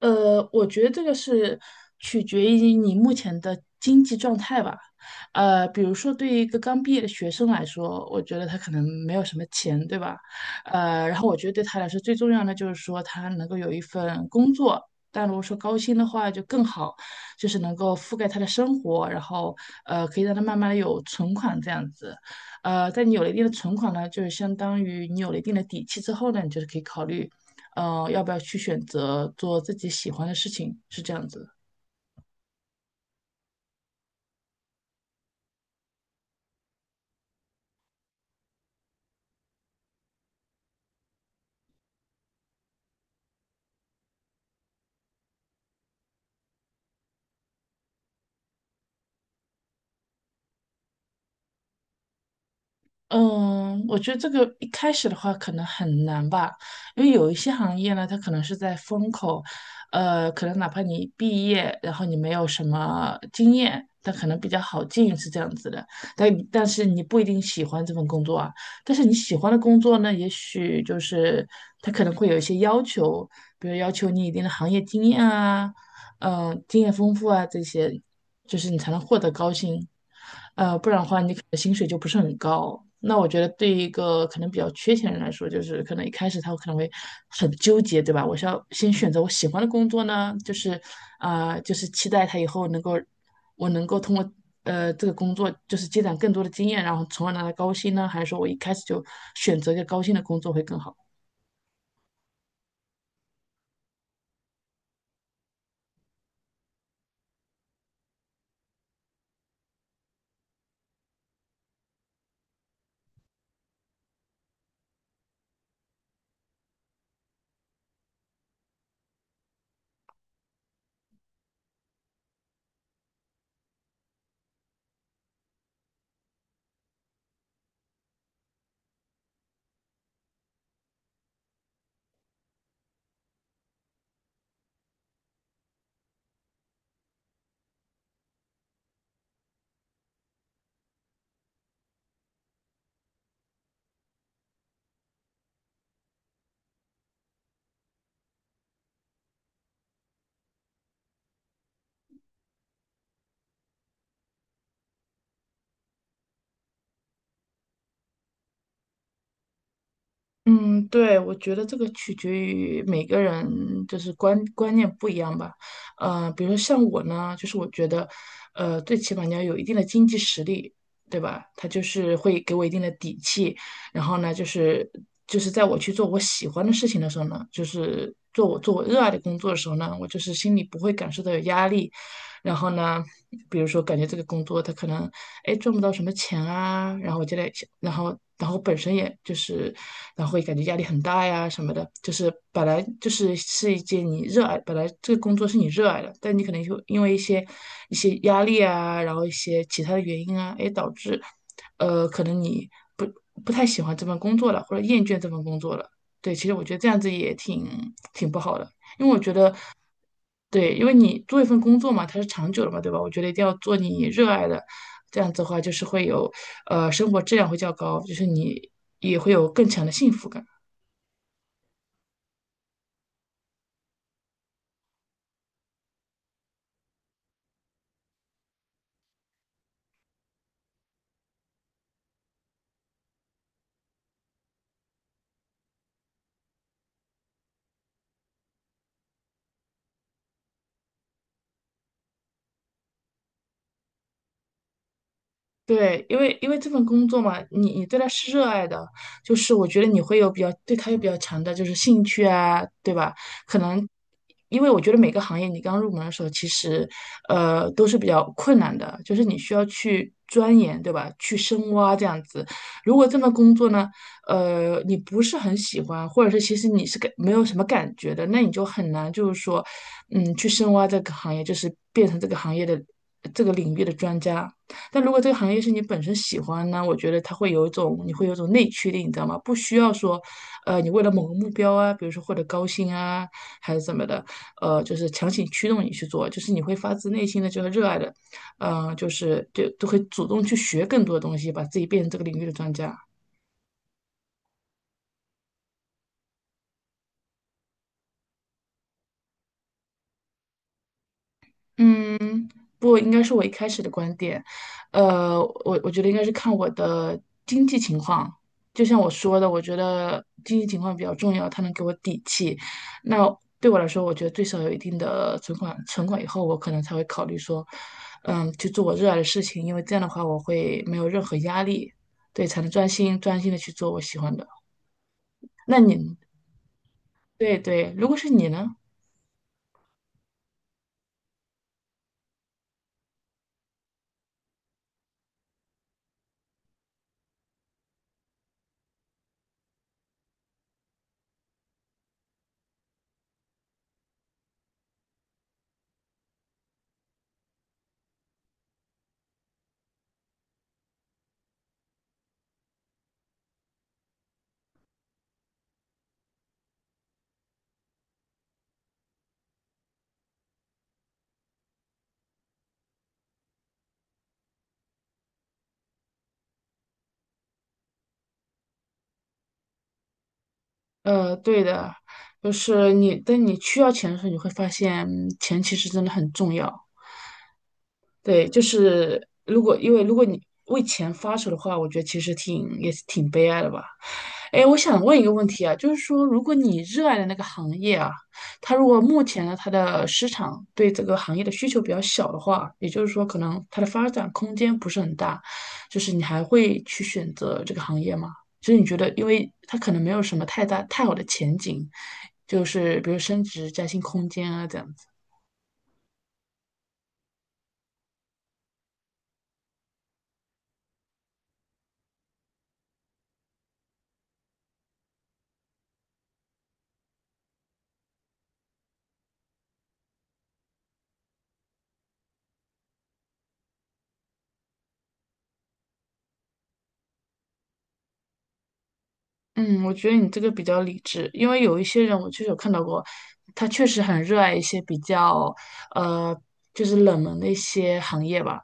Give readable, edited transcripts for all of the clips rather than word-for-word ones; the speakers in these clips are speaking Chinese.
我觉得这个是取决于你目前的经济状态吧。比如说对于一个刚毕业的学生来说，我觉得他可能没有什么钱，对吧？然后我觉得对他来说最重要的就是说他能够有一份工作，但如果说高薪的话就更好，就是能够覆盖他的生活，然后可以让他慢慢的有存款这样子。在你有了一定的存款呢，就是相当于你有了一定的底气之后呢，你就是可以考虑。要不要去选择做自己喜欢的事情，是这样子。嗯，我觉得这个一开始的话可能很难吧，因为有一些行业呢，它可能是在风口，可能哪怕你毕业，然后你没有什么经验，但可能比较好进是这样子的。但是你不一定喜欢这份工作啊，但是你喜欢的工作呢，也许就是它可能会有一些要求，比如要求你一定的行业经验啊，嗯，经验丰富啊这些，就是你才能获得高薪，不然的话你可能薪水就不是很高。那我觉得对于一个可能比较缺钱的人来说，就是可能一开始他可能会很纠结，对吧？我是要先选择我喜欢的工作呢，就是期待他以后能够我能够通过这个工作就是积攒更多的经验，然后从而拿到高薪呢，还是说我一开始就选择一个高薪的工作会更好？嗯，对，我觉得这个取决于每个人就是观念不一样吧。比如说像我呢，就是我觉得，最起码你要有一定的经济实力，对吧？他就是会给我一定的底气，然后呢，就是在我去做我喜欢的事情的时候呢，就是做我热爱的工作的时候呢，我就是心里不会感受到有压力，然后呢，比如说感觉这个工作他可能哎赚不到什么钱啊，然后我就在想，然后本身也就是，然后会感觉压力很大呀什么的，就是是一件你热爱，本来这个工作是你热爱的，但你可能就因为一些压力啊，然后一些其他的原因啊，哎导致，可能你不不太喜欢这份工作了，或者厌倦这份工作了。对，其实我觉得这样子挺不好的，因为我觉得对，因为你做一份工作嘛，它是长久的嘛，对吧？我觉得一定要做你热爱的，这样子的话就是会有，生活质量会较高，就是你也会有更强的幸福感。对，因为这份工作嘛，你对它是热爱的，就是我觉得你会有对它有比较强的就是兴趣啊，对吧？可能因为我觉得每个行业你刚入门的时候，其实都是比较困难的，就是你需要去钻研，对吧？去深挖这样子。如果这份工作呢，你不是很喜欢，或者是其实你是没有什么感觉的，那你就很难就是说，嗯，去深挖这个行业，就是变成这个行业的这个领域的专家。但如果这个行业是你本身喜欢呢，我觉得它会有一种，你会有一种内驱力，你知道吗？不需要说，你为了某个目标啊，比如说获得高薪啊，还是怎么的，就是强行驱动你去做，就是你会发自内心的就是热爱的，就都会主动去学更多的东西，把自己变成这个领域的专家。嗯。不应该是我一开始的观点，呃，我觉得应该是看我的经济情况。就像我说的，我觉得经济情况比较重要，它能给我底气。那对我来说，我觉得最少有一定的存款，存款以后，我可能才会考虑说，嗯，去做我热爱的事情，因为这样的话，我会没有任何压力，对，才能专心的去做我喜欢的。那你，对对，如果是你呢？对的，就是你，当你需要钱的时候，你会发现嗯钱其实真的很重要。对，就是因为如果你为钱发愁的话，我觉得其实挺也是挺悲哀的吧。哎，我想问一个问题啊，就是说，如果你热爱的那个行业啊，它如果目前呢，它的市场对这个行业的需求比较小的话，也就是说，可能它的发展空间不是很大，就是你还会去选择这个行业吗？就是你觉得，因为它可能没有什么太大太好的前景，就是比如升职加薪空间啊这样子。嗯，我觉得你这个比较理智，因为有一些人我确实有看到过，他确实很热爱一些比较呃，就是冷门的一些行业吧。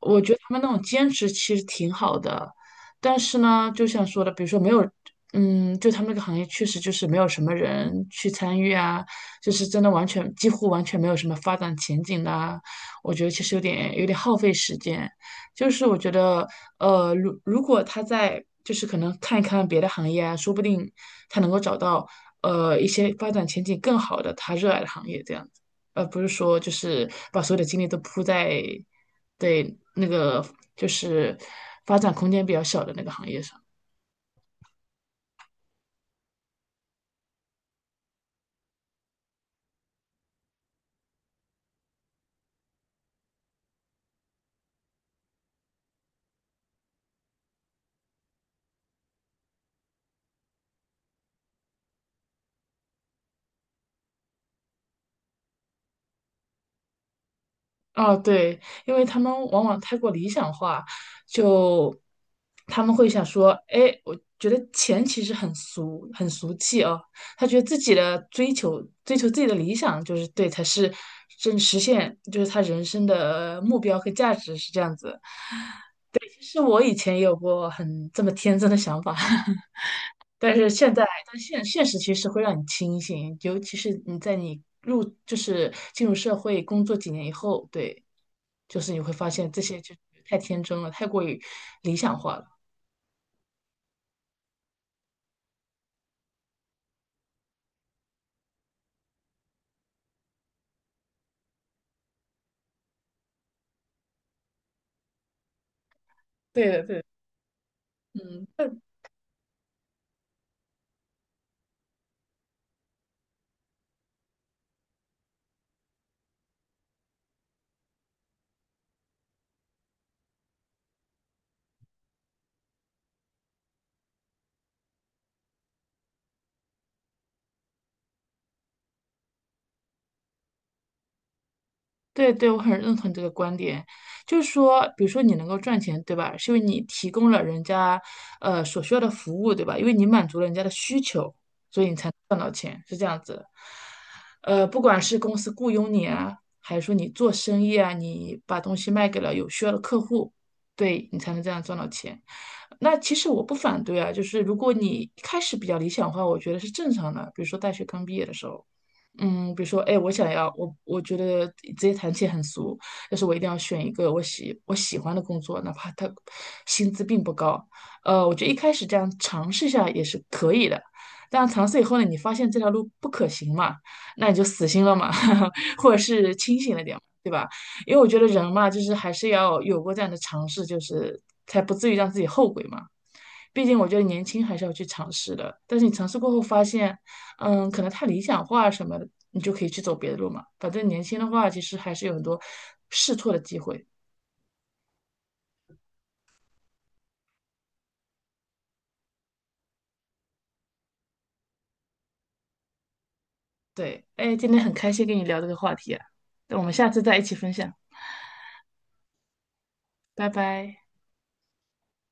我觉得他们那种兼职其实挺好的，但是呢，就像说的，比如说没有，嗯，就他们那个行业确实就是没有什么人去参与啊，就是真的几乎完全没有什么发展前景的啊，我觉得其实有点耗费时间。就是我觉得，如果他在就是可能看一看别的行业啊，说不定他能够找到一些发展前景更好的他热爱的行业这样。而不是说就是把所有的精力都扑在对那个就是发展空间比较小的那个行业上。哦，对，因为他们往往太过理想化，就他们会想说，哎，我觉得钱其实很俗，很俗气哦。他觉得自己的追求，追求自己的理想，就是对，才是真实现，就是他人生的目标和价值是这样子。其实我以前也有过很这么天真的想法。但是现在，但现实其实会让你清醒，尤其是你在就是进入社会工作几年以后，对，就是你会发现这些就太天真了，太过于理想化了。对的，对的嗯，对对，我很认同你这个观点，就是说，比如说你能够赚钱，对吧？是因为你提供了人家所需要的服务，对吧？因为你满足了人家的需求，所以你才能赚到钱，是这样子的不管是公司雇佣你啊，还是说你做生意啊，你把东西卖给了有需要的客户，对你才能这样赚到钱。那其实我不反对啊，就是如果你一开始比较理想化，我觉得是正常的。比如说大学刚毕业的时候。嗯，比如说，哎，我想要，我觉得直接谈钱很俗，但是我一定要选一个我喜欢的工作，哪怕它薪资并不高。我觉得一开始这样尝试一下也是可以的，但尝试以后呢，你发现这条路不可行嘛，那你就死心了嘛，或者是清醒了点嘛对吧？因为我觉得人嘛，就是还是要有过这样的尝试，就是才不至于让自己后悔嘛。毕竟我觉得年轻还是要去尝试的，但是你尝试过后发现，嗯，可能太理想化什么的，你就可以去走别的路嘛。反正年轻的话，其实还是有很多试错的机会。对，哎，今天很开心跟你聊这个话题啊，那我们下次再一起分享，拜拜。